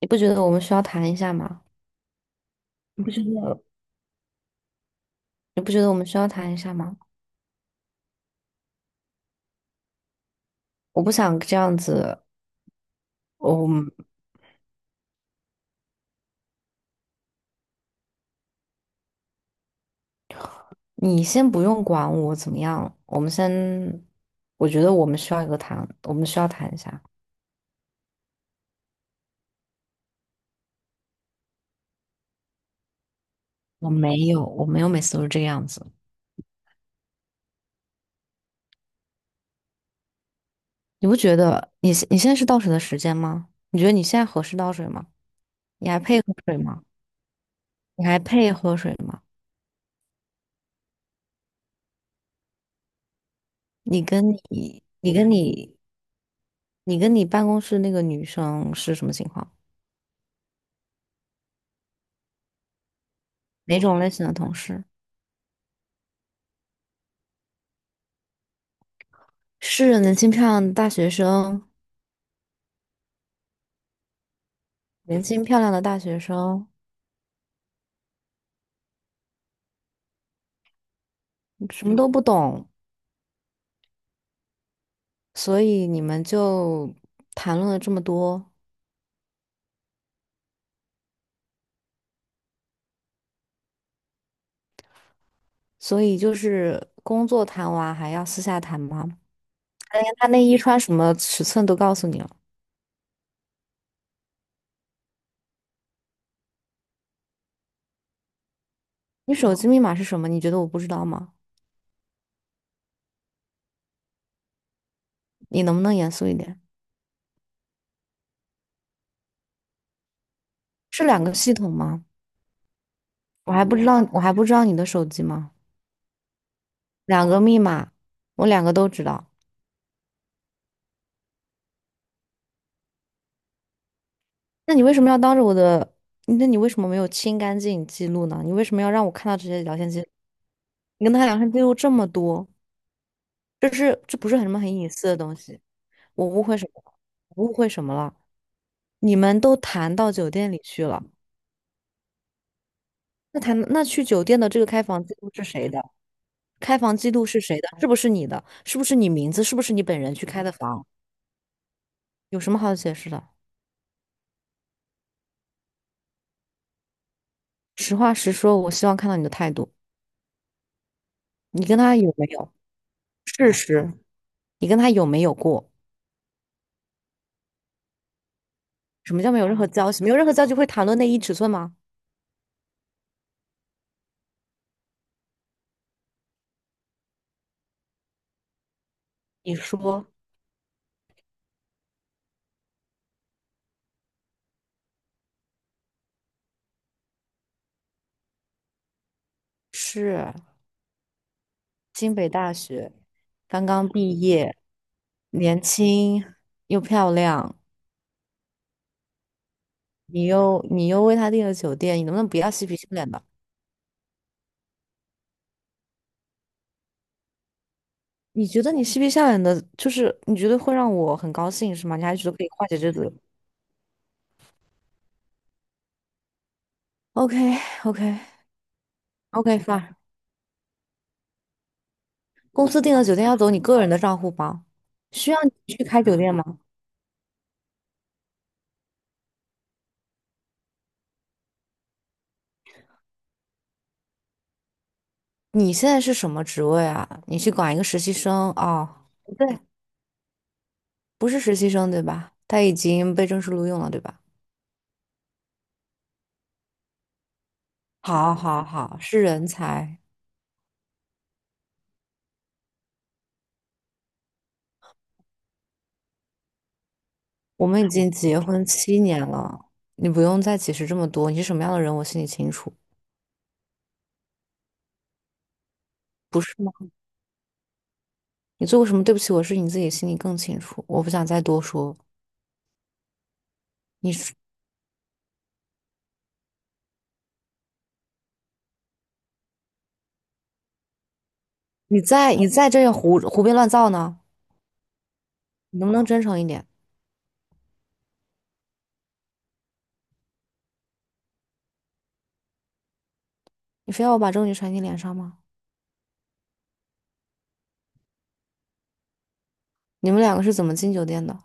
你不觉得我们需要谈一下吗？你不觉得？你不觉得我们需要谈一下吗？我不想这样子，我，你先不用管我怎么样，我们先，我觉得我们需要一个谈，我们需要谈一下。我没有，我没有每次都是这个样子。你不觉得你现在是倒水的时间吗？你觉得你现在合适倒水吗？你还配喝水吗？你还配喝水吗？你跟你你跟你你跟你办公室那个女生是什么情况？哪种类型的同事？是年轻漂亮的大学生，年轻漂亮的大学生，什么都不懂，所以你们就谈论了这么多，所以就是工作谈完还要私下谈吗？连他内衣穿什么尺寸都告诉你了，你手机密码是什么？你觉得我不知道吗？你能不能严肃一点？是两个系统吗？我还不知道，我还不知道你的手机吗？两个密码，我两个都知道。那你为什么要当着我的？那你为什么没有清干净记录呢？你为什么要让我看到这些聊天记录？你跟他聊天记录这么多，这不是很什么很隐私的东西？我误会什么了？我误会什么了？你们都谈到酒店里去了，那去酒店的这个开房记录是谁的？开房记录是谁的？是不是你的？是不是你名字？是不是你本人去开的房？有什么好解释的？实话实说，我希望看到你的态度。你跟他有没有事实？你跟他有没有过？什么叫没有任何交集？没有任何交集会谈论内衣尺寸吗？你说是清北大学，刚刚毕业，年轻又漂亮，你又为他订了酒店，你能不能不要嬉皮笑脸的？你觉得你嬉皮笑脸的，就是你觉得会让我很高兴是吗？你还觉得可以化解这个？OK， OK， OK fine。公司订了酒店要走你个人的账户吗？需要你去开酒店吗？你现在是什么职位啊？你去管一个实习生哦？对，不是实习生对吧？他已经被正式录用了对吧？好，好，好，是人才。我们已经结婚七年了，你不用再解释这么多。你是什么样的人，我心里清楚，不是吗？你做过什么对不起我的事，你自己心里更清楚。我不想再多说。你是你在这胡编乱造呢？你能不能真诚一点？你非要我把证据甩你脸上吗？你们两个是怎么进酒店的？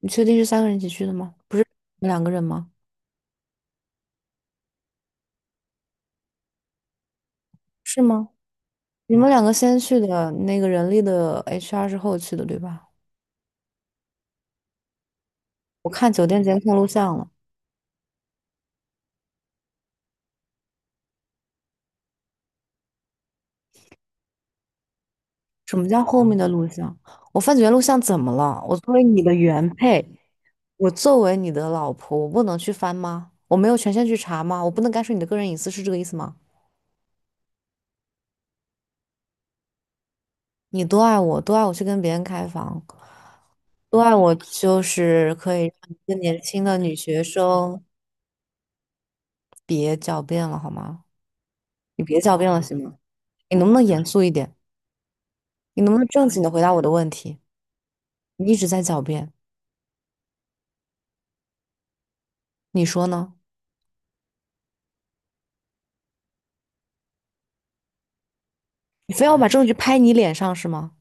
你确定是三个人一起去的吗？不是你们两个人吗？是吗？你们两个先去的那个人力的 HR 是后去的，对吧？我看酒店监控录像了。什么叫后面的录像？我翻酒店录像怎么了？我作为你的原配，我作为你的老婆，我不能去翻吗？我没有权限去查吗？我不能干涉你的个人隐私，是这个意思吗？你多爱我，多爱我去跟别人开房，多爱我就是可以让一个年轻的女学生别狡辩了，好吗？你别狡辩了，行吗？你能不能严肃一点？你能不能正经的回答我的问题？你一直在狡辩，你说呢？你非要把证据拍你脸上是吗？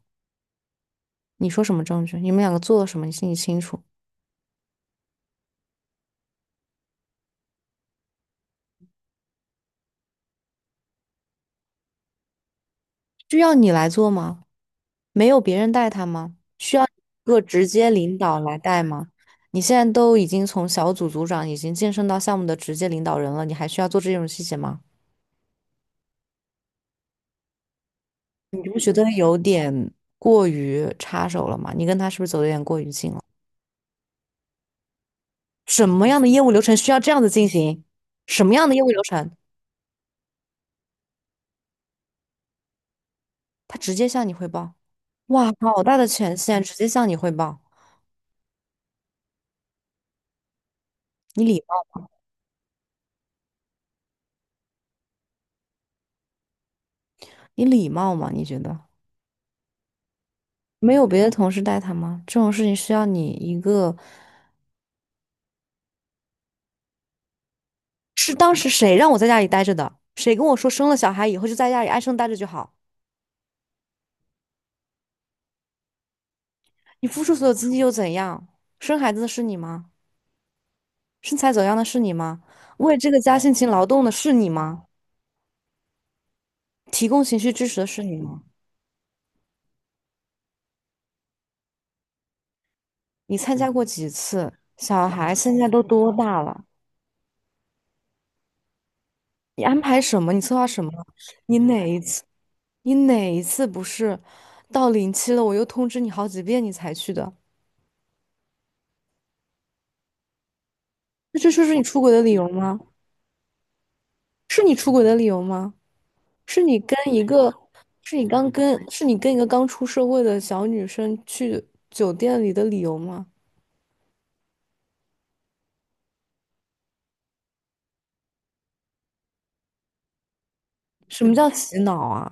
你说什么证据？你们两个做了什么？你心里清楚。需要你来做吗？没有别人带他吗？需要一个直接领导来带吗？你现在都已经从小组组长已经晋升到项目的直接领导人了，你还需要做这种细节吗？你不觉得有点过于插手了吗？你跟他是不是走的有点过于近了？什么样的业务流程需要这样子进行？什么样的业务流程？他直接向你汇报。哇，好大的权限，直接向你汇报。你礼貌，你礼貌吗？你觉得没有别的同事带他吗？这种事情需要你一个，是当时谁让我在家里待着的？谁跟我说生了小孩以后就在家里安生待着就好？你付出所有精力又怎样？生孩子的是你吗？身材走样的是你吗？为这个家辛勤劳动的是你吗？提供情绪支持的是你吗？你参加过几次？小孩现在都多大了？你安排什么？你策划什么？你哪一次？你哪一次不是到临期了，我又通知你好几遍你才去的？那这就是你出轨的理由吗？是你出轨的理由吗？是你跟一个，是你刚跟，是你跟一个刚出社会的小女生去酒店里的理由吗？什么叫洗脑啊？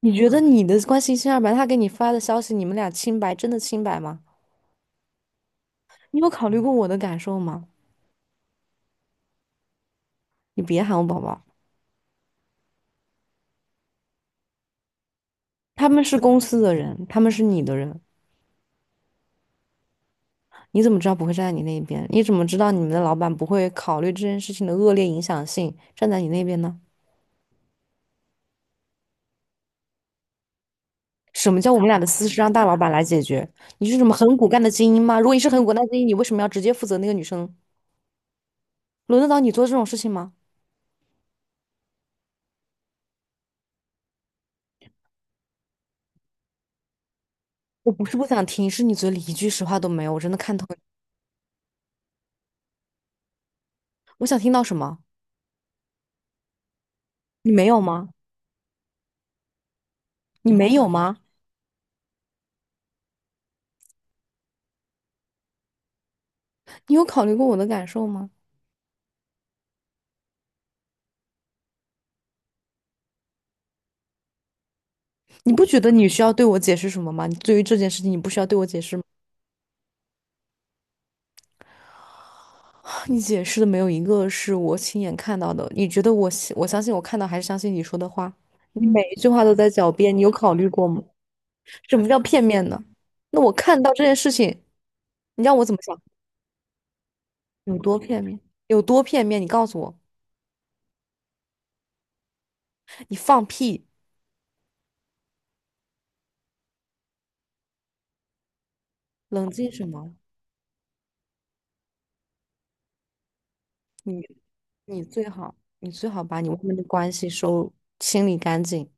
你觉得你的关系清二白，他给你发的消息，你们俩清白，真的清白吗？你有考虑过我的感受吗？你别喊我宝宝，他们是公司的人，他们是你的人。你怎么知道不会站在你那一边？你怎么知道你们的老板不会考虑这件事情的恶劣影响性，站在你那边呢？什么叫我们俩的私事让大老板来解决？你是什么很骨干的精英吗？如果你是很骨干的精英，你为什么要直接负责那个女生？轮得到你做这种事情吗？我不是不想听，是你嘴里一句实话都没有，我真的看透你。我想听到什么？你没有吗？你没有吗？你有考虑过我的感受吗？你不觉得你需要对我解释什么吗？你对于这件事情，你不需要对我解释吗？你解释的没有一个是我亲眼看到的。你觉得我信，我相信我看到还是相信你说的话？你每一句话都在狡辩，你有考虑过吗？什么叫片面呢？那我看到这件事情，你让我怎么想？有多片面？有多片面？你告诉我，你放屁，冷静什么？你你最好，你最好把你外面的关系收清理干净。